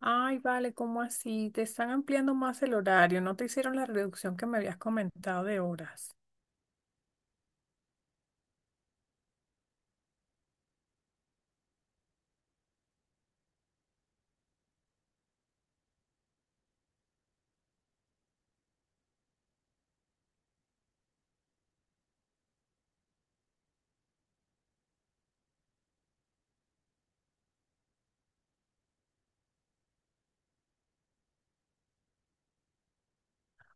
Ay, vale, ¿cómo así? Te están ampliando más el horario, no te hicieron la reducción que me habías comentado de horas.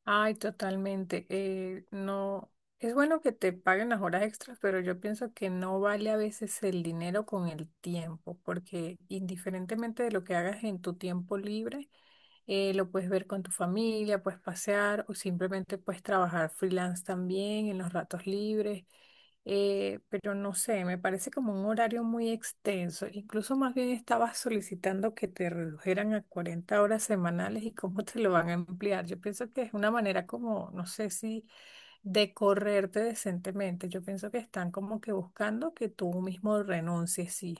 Ay, totalmente. No, es bueno que te paguen las horas extras, pero yo pienso que no vale a veces el dinero con el tiempo, porque indiferentemente de lo que hagas en tu tiempo libre, lo puedes ver con tu familia, puedes pasear o simplemente puedes trabajar freelance también en los ratos libres. Pero no sé, me parece como un horario muy extenso. Incluso más bien estabas solicitando que te redujeran a 40 horas semanales y cómo te lo van a ampliar. Yo pienso que es una manera como, no sé si, de correrte decentemente. Yo pienso que están como que buscando que tú mismo renuncies, sí.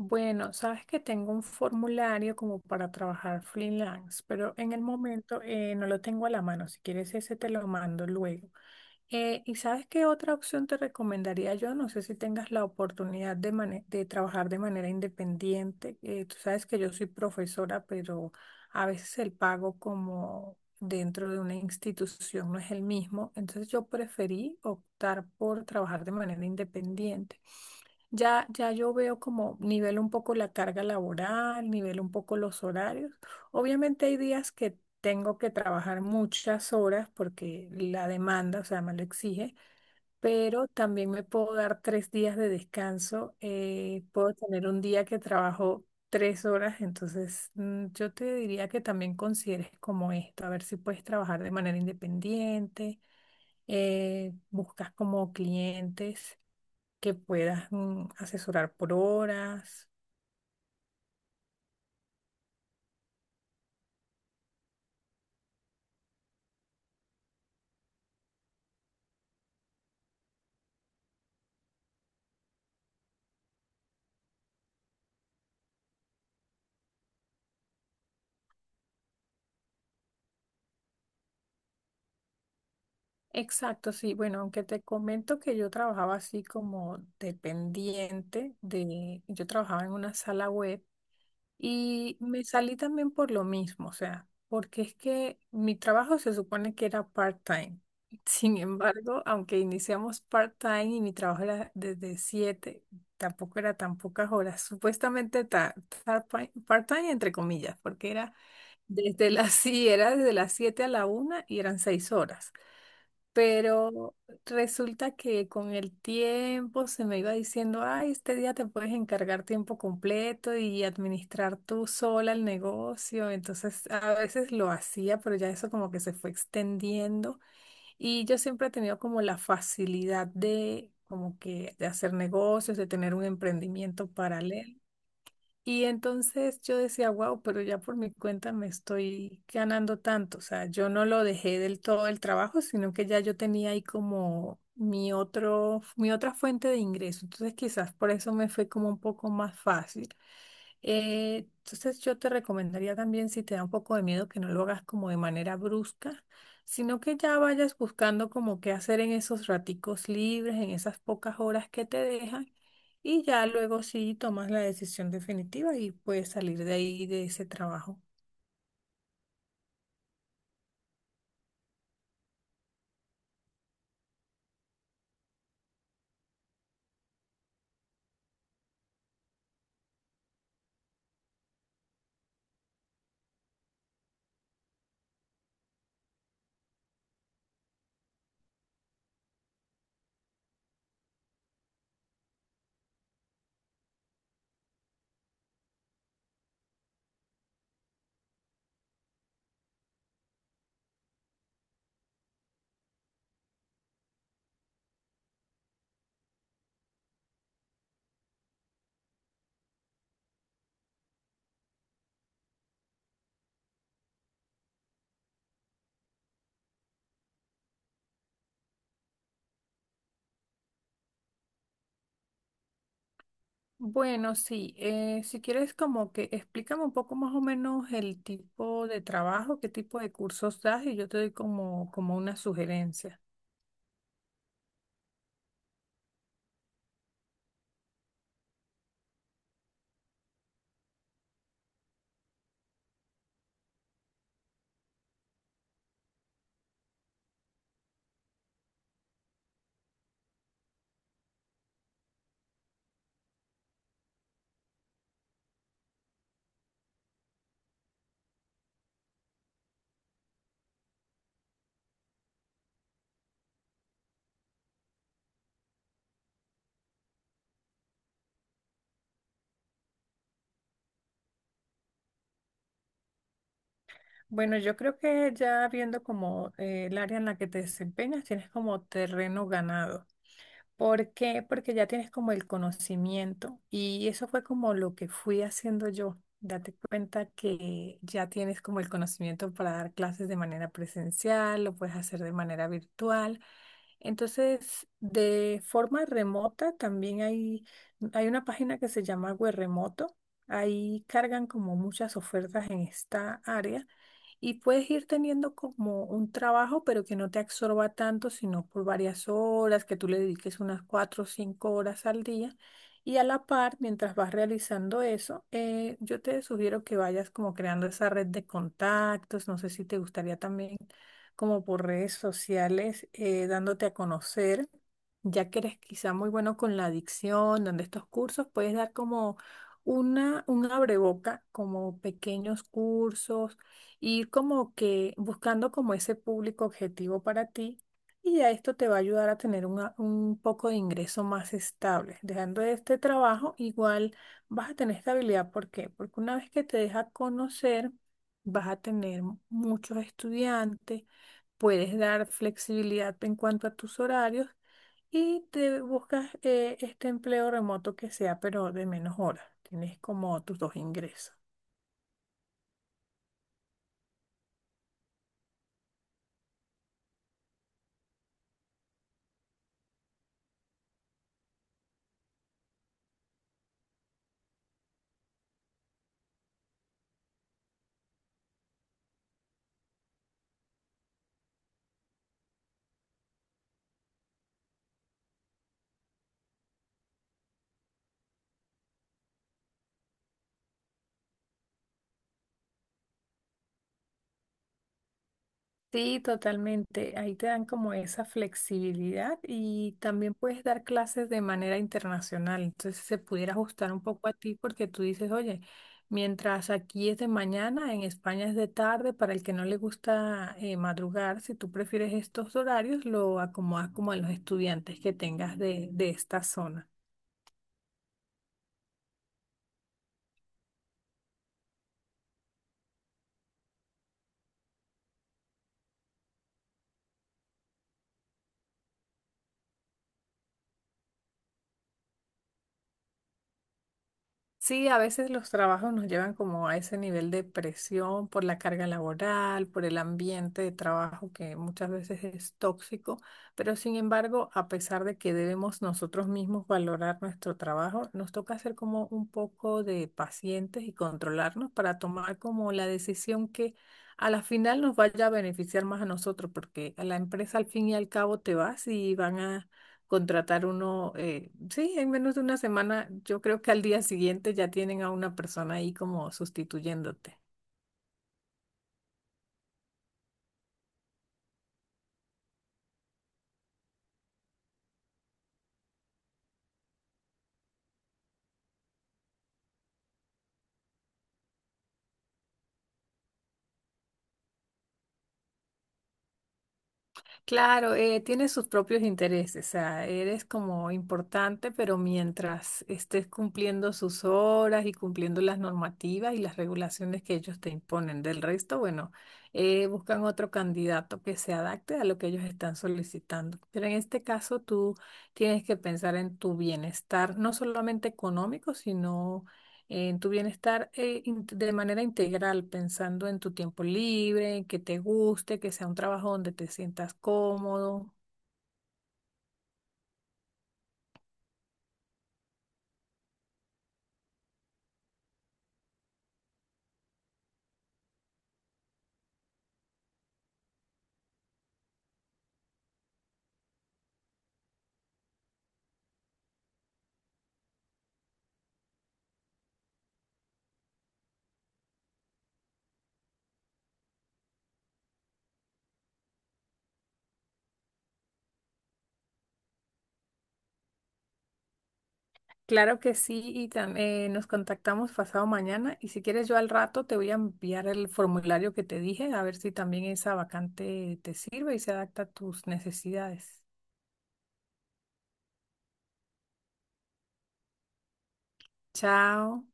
Bueno, sabes que tengo un formulario como para trabajar freelance, pero en el momento no lo tengo a la mano. Si quieres ese te lo mando luego. ¿Y sabes qué otra opción te recomendaría yo? No sé si tengas la oportunidad de, de trabajar de manera independiente. Tú sabes que yo soy profesora, pero a veces el pago como dentro de una institución no es el mismo. Entonces yo preferí optar por trabajar de manera independiente. Ya, ya yo veo como nivel un poco la carga laboral, nivel un poco los horarios. Obviamente hay días que tengo que trabajar muchas horas porque la demanda, o sea, me lo exige, pero también me puedo dar 3 días de descanso. Puedo tener un día que trabajo 3 horas, entonces yo te diría que también consideres como esto, a ver si puedes trabajar de manera independiente, buscas como clientes que puedas asesorar por horas. Exacto, sí. Bueno, aunque te comento que yo trabajaba así como dependiente de, yo trabajaba en una sala web y me salí también por lo mismo, o sea, porque es que mi trabajo se supone que era part-time. Sin embargo, aunque iniciamos part-time y mi trabajo era desde 7, tampoco era tan pocas horas, supuestamente tar- part-time entre comillas, porque era. Desde las, sí, era desde las 7 a la 1 y eran 6 horas. Pero resulta que con el tiempo se me iba diciendo, ay, este día te puedes encargar tiempo completo y administrar tú sola el negocio. Entonces a veces lo hacía, pero ya eso como que se fue extendiendo. Y yo siempre he tenido como la facilidad de como que de hacer negocios, de tener un emprendimiento paralelo. Y entonces yo decía, wow, pero ya por mi cuenta me estoy ganando tanto. O sea, yo no lo dejé del todo el trabajo, sino que ya yo tenía ahí como mi otra fuente de ingreso. Entonces quizás por eso me fue como un poco más fácil. Entonces yo te recomendaría también, si te da un poco de miedo, que no lo hagas como de manera brusca, sino que ya vayas buscando como qué hacer en esos raticos libres, en esas pocas horas que te dejan, y ya luego sí tomas la decisión definitiva y puedes salir de ahí, de ese trabajo. Bueno, sí, si quieres como que explícame un poco más o menos el tipo de trabajo, qué tipo de cursos das y yo te doy como, como una sugerencia. Bueno, yo creo que ya viendo como el área en la que te desempeñas, tienes como terreno ganado. ¿Por qué? Porque ya tienes como el conocimiento y eso fue como lo que fui haciendo yo. Date cuenta que ya tienes como el conocimiento para dar clases de manera presencial, lo puedes hacer de manera virtual. Entonces, de forma remota también hay una página que se llama Remoto. Ahí cargan como muchas ofertas en esta área y puedes ir teniendo como un trabajo, pero que no te absorba tanto, sino por varias horas, que tú le dediques unas 4 o 5 horas al día. Y a la par, mientras vas realizando eso, yo te sugiero que vayas como creando esa red de contactos. No sé si te gustaría también como por redes sociales, dándote a conocer, ya que eres quizá muy bueno con la adicción, donde estos cursos puedes dar como una, un abreboca, como pequeños cursos, ir como que buscando como ese público objetivo para ti y ya esto te va a ayudar a tener un poco de ingreso más estable. Dejando este trabajo, igual vas a tener estabilidad. ¿Por qué? Porque una vez que te deja conocer, vas a tener muchos estudiantes, puedes dar flexibilidad en cuanto a tus horarios y te buscas este empleo remoto que sea, pero de menos horas. Tienes como tus dos ingresos. Sí, totalmente. Ahí te dan como esa flexibilidad y también puedes dar clases de manera internacional. Entonces se pudiera ajustar un poco a ti porque tú dices, oye, mientras aquí es de mañana, en España es de tarde, para el que no le gusta madrugar, si tú prefieres estos horarios, lo acomodas como a los estudiantes que tengas de esta zona. Sí, a veces los trabajos nos llevan como a ese nivel de presión por la carga laboral, por el ambiente de trabajo que muchas veces es tóxico, pero sin embargo, a pesar de que debemos nosotros mismos valorar nuestro trabajo, nos toca ser como un poco de pacientes y controlarnos para tomar como la decisión que a la final nos vaya a beneficiar más a nosotros, porque a la empresa al fin y al cabo te vas y van a contratar uno, sí, en menos de una semana, yo creo que al día siguiente ya tienen a una persona ahí como sustituyéndote. Claro, tiene sus propios intereses, o sea, eres como importante, pero mientras estés cumpliendo sus horas y cumpliendo las normativas y las regulaciones que ellos te imponen. Del resto, bueno, buscan otro candidato que se adapte a lo que ellos están solicitando. Pero en este caso, tú tienes que pensar en tu bienestar, no solamente económico, sino en tu bienestar de manera integral, pensando en tu tiempo libre, que te guste, que sea un trabajo donde te sientas cómodo. Claro que sí, y nos contactamos pasado mañana y si quieres yo al rato te voy a enviar el formulario que te dije, a ver si también esa vacante te sirve y se adapta a tus necesidades. Chao.